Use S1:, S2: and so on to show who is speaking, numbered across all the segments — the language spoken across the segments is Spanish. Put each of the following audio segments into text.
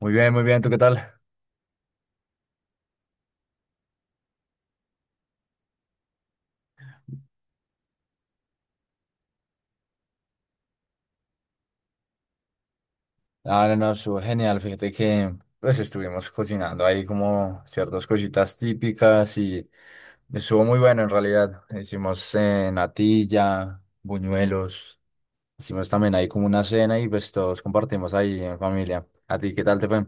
S1: Muy bien, ¿tú qué tal? Ah, no, no, estuvo genial. Fíjate que pues estuvimos cocinando ahí como ciertas cositas típicas y estuvo muy bueno en realidad. Hicimos natilla, buñuelos, hicimos también ahí como una cena y pues todos compartimos ahí en familia. ¿A ti qué tal te fue?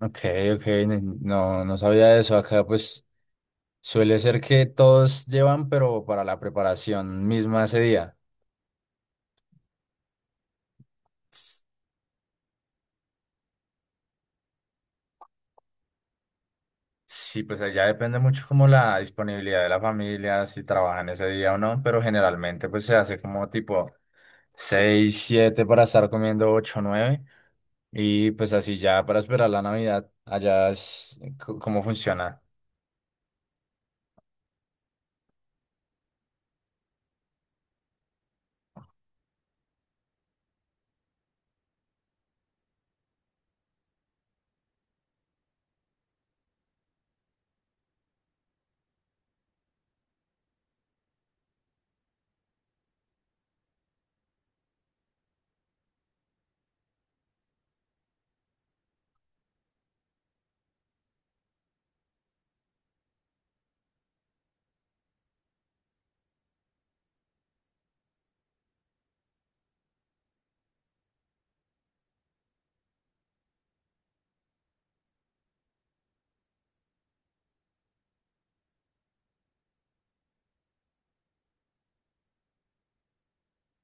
S1: Ok, ok, no, no sabía eso. Acá pues suele ser que todos llevan, pero para la preparación misma ese día. Sí, pues ahí ya depende mucho como la disponibilidad de la familia, si trabajan ese día o no, pero generalmente pues se hace como tipo 6 7 para estar comiendo 8 9 y pues así ya para esperar la Navidad, allá es cómo funciona.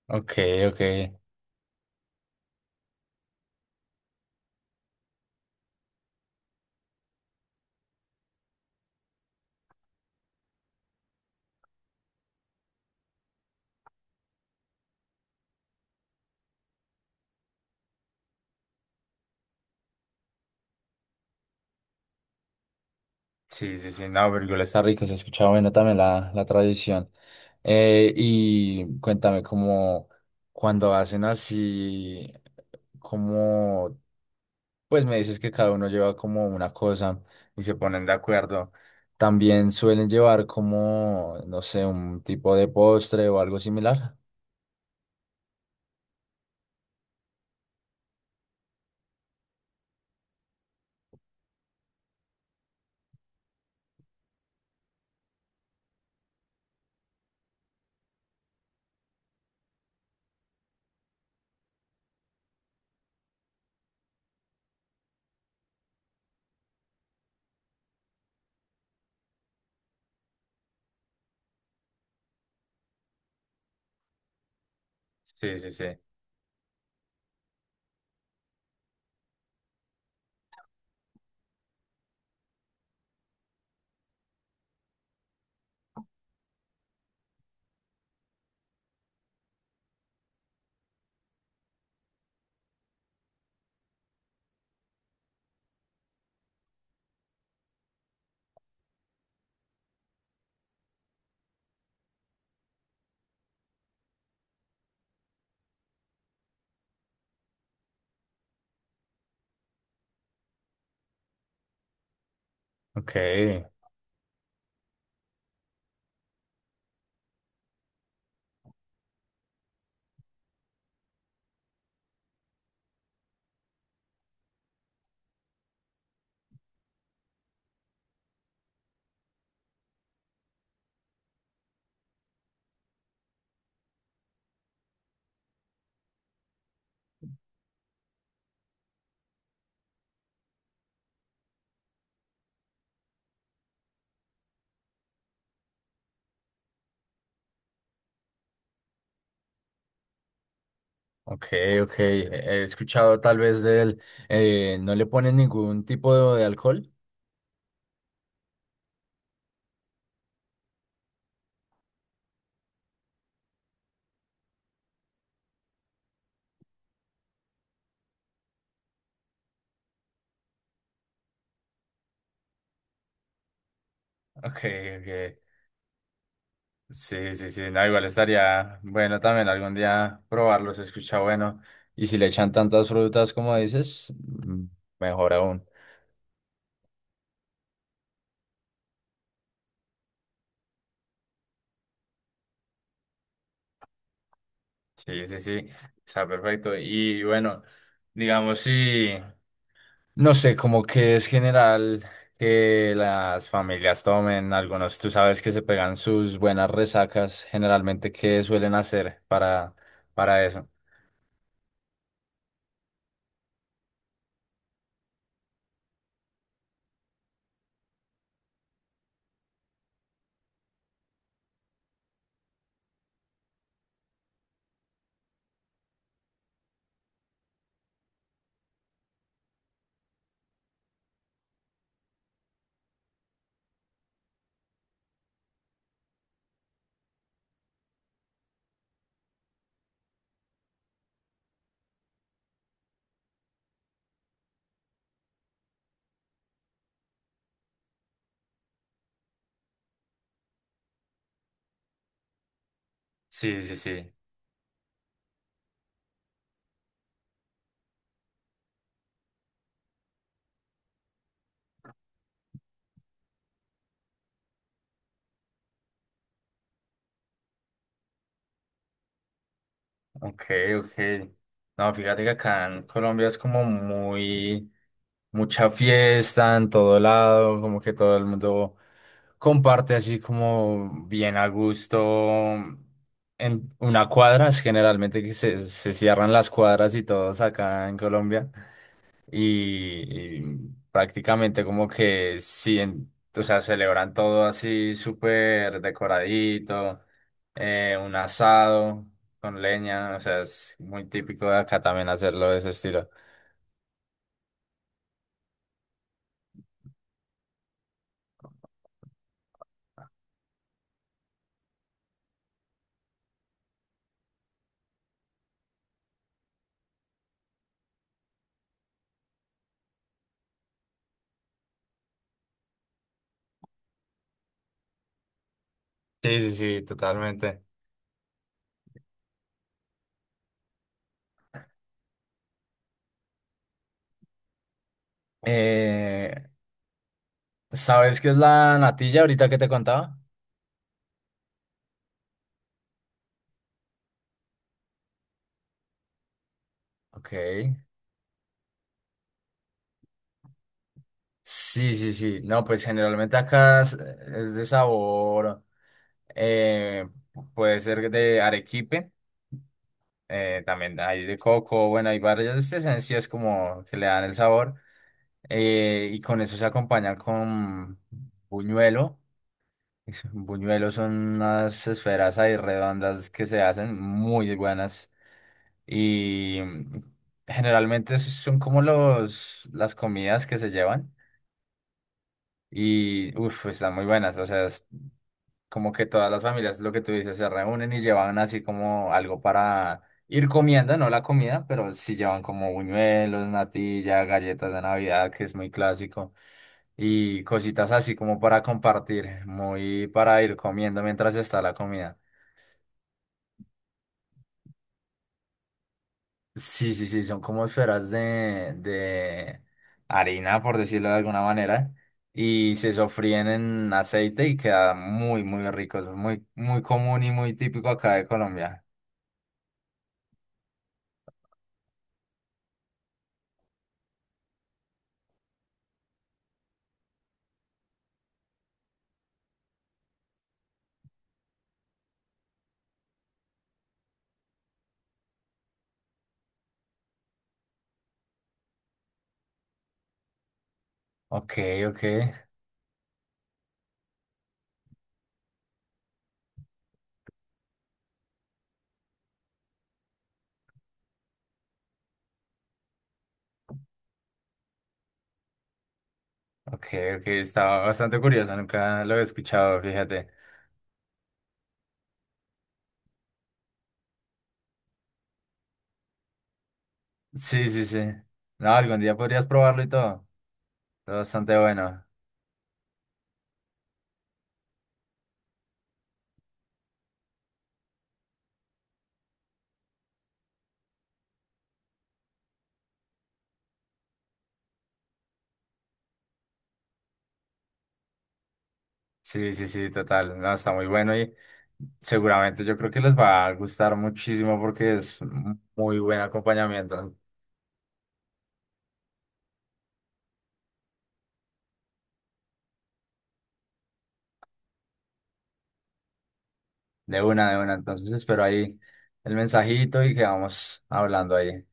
S1: Ok, ok. Sí, sí, sí, no, Virgul está rico, se ha escuchado bueno también la tradición. Y cuéntame como cuando hacen así, como. Pues me dices que cada uno lleva como una cosa y se ponen de acuerdo. También suelen llevar como, no sé, un tipo de postre o algo similar. Sí, sí, sí. Ok, ok, ok. He escuchado tal vez no le ponen ningún tipo de alcohol. Ok, ok. Sí, sí, sí. No, igual estaría bueno también algún día probarlo, se escucha bueno. Y si le echan tantas frutas como dices, mm, mejor aún. Sí, sí, sí, está perfecto. Y bueno, digamos, sí, no sé, como que es general que las familias tomen algunos, tú sabes que se pegan sus buenas resacas, generalmente, ¿qué suelen hacer para eso? Sí, sí, sí. Ok, ok. No, fíjate que acá en Colombia es como muy, mucha fiesta en todo lado, como que todo el mundo comparte así como bien a gusto en una cuadra, es generalmente que se cierran las cuadras y todos acá en Colombia y prácticamente como que sí, o sea, celebran todo así súper decoradito, un asado con leña, o sea, es muy típico de acá también hacerlo de ese estilo. Sí, sí, sí, totalmente. Eh, ¿Sabes qué es la natilla ahorita que te contaba? Ok. Sí, sí, sí. No, pues generalmente acá es de sabor, eh, puede ser de arequipe, también hay de coco, bueno, hay varias esencias como que le dan el sabor, y con eso se acompaña con buñuelo. Buñuelos son unas esferas ahí redondas que se hacen muy buenas y mm, generalmente esos son como las comidas que se llevan. Y uff, están muy buenas. O sea, como que todas las familias, lo que tú dices, se reúnen y llevan así como algo para ir comiendo, no la comida, pero sí llevan como buñuelos, natilla, galletas de Navidad, que es muy clásico, y cositas así como para compartir, muy para ir comiendo mientras está la comida. Sí, sí, sí, son como esferas de harina, por decirlo de alguna manera, y se sofríen en aceite y queda muy, muy rico, es muy, muy común y muy típico acá de Colombia. Ok, ok, ok, ok, estaba bastante curiosa, nunca lo había escuchado, fíjate. Sí, sí, sí. No, algún día podrías probarlo y todo. Está bastante bueno. Sí, sí, sí, total. No, está muy bueno y seguramente yo creo que les va a gustar muchísimo porque es muy buen acompañamiento. De una, de una. Entonces espero ahí el mensajito y quedamos hablando ahí.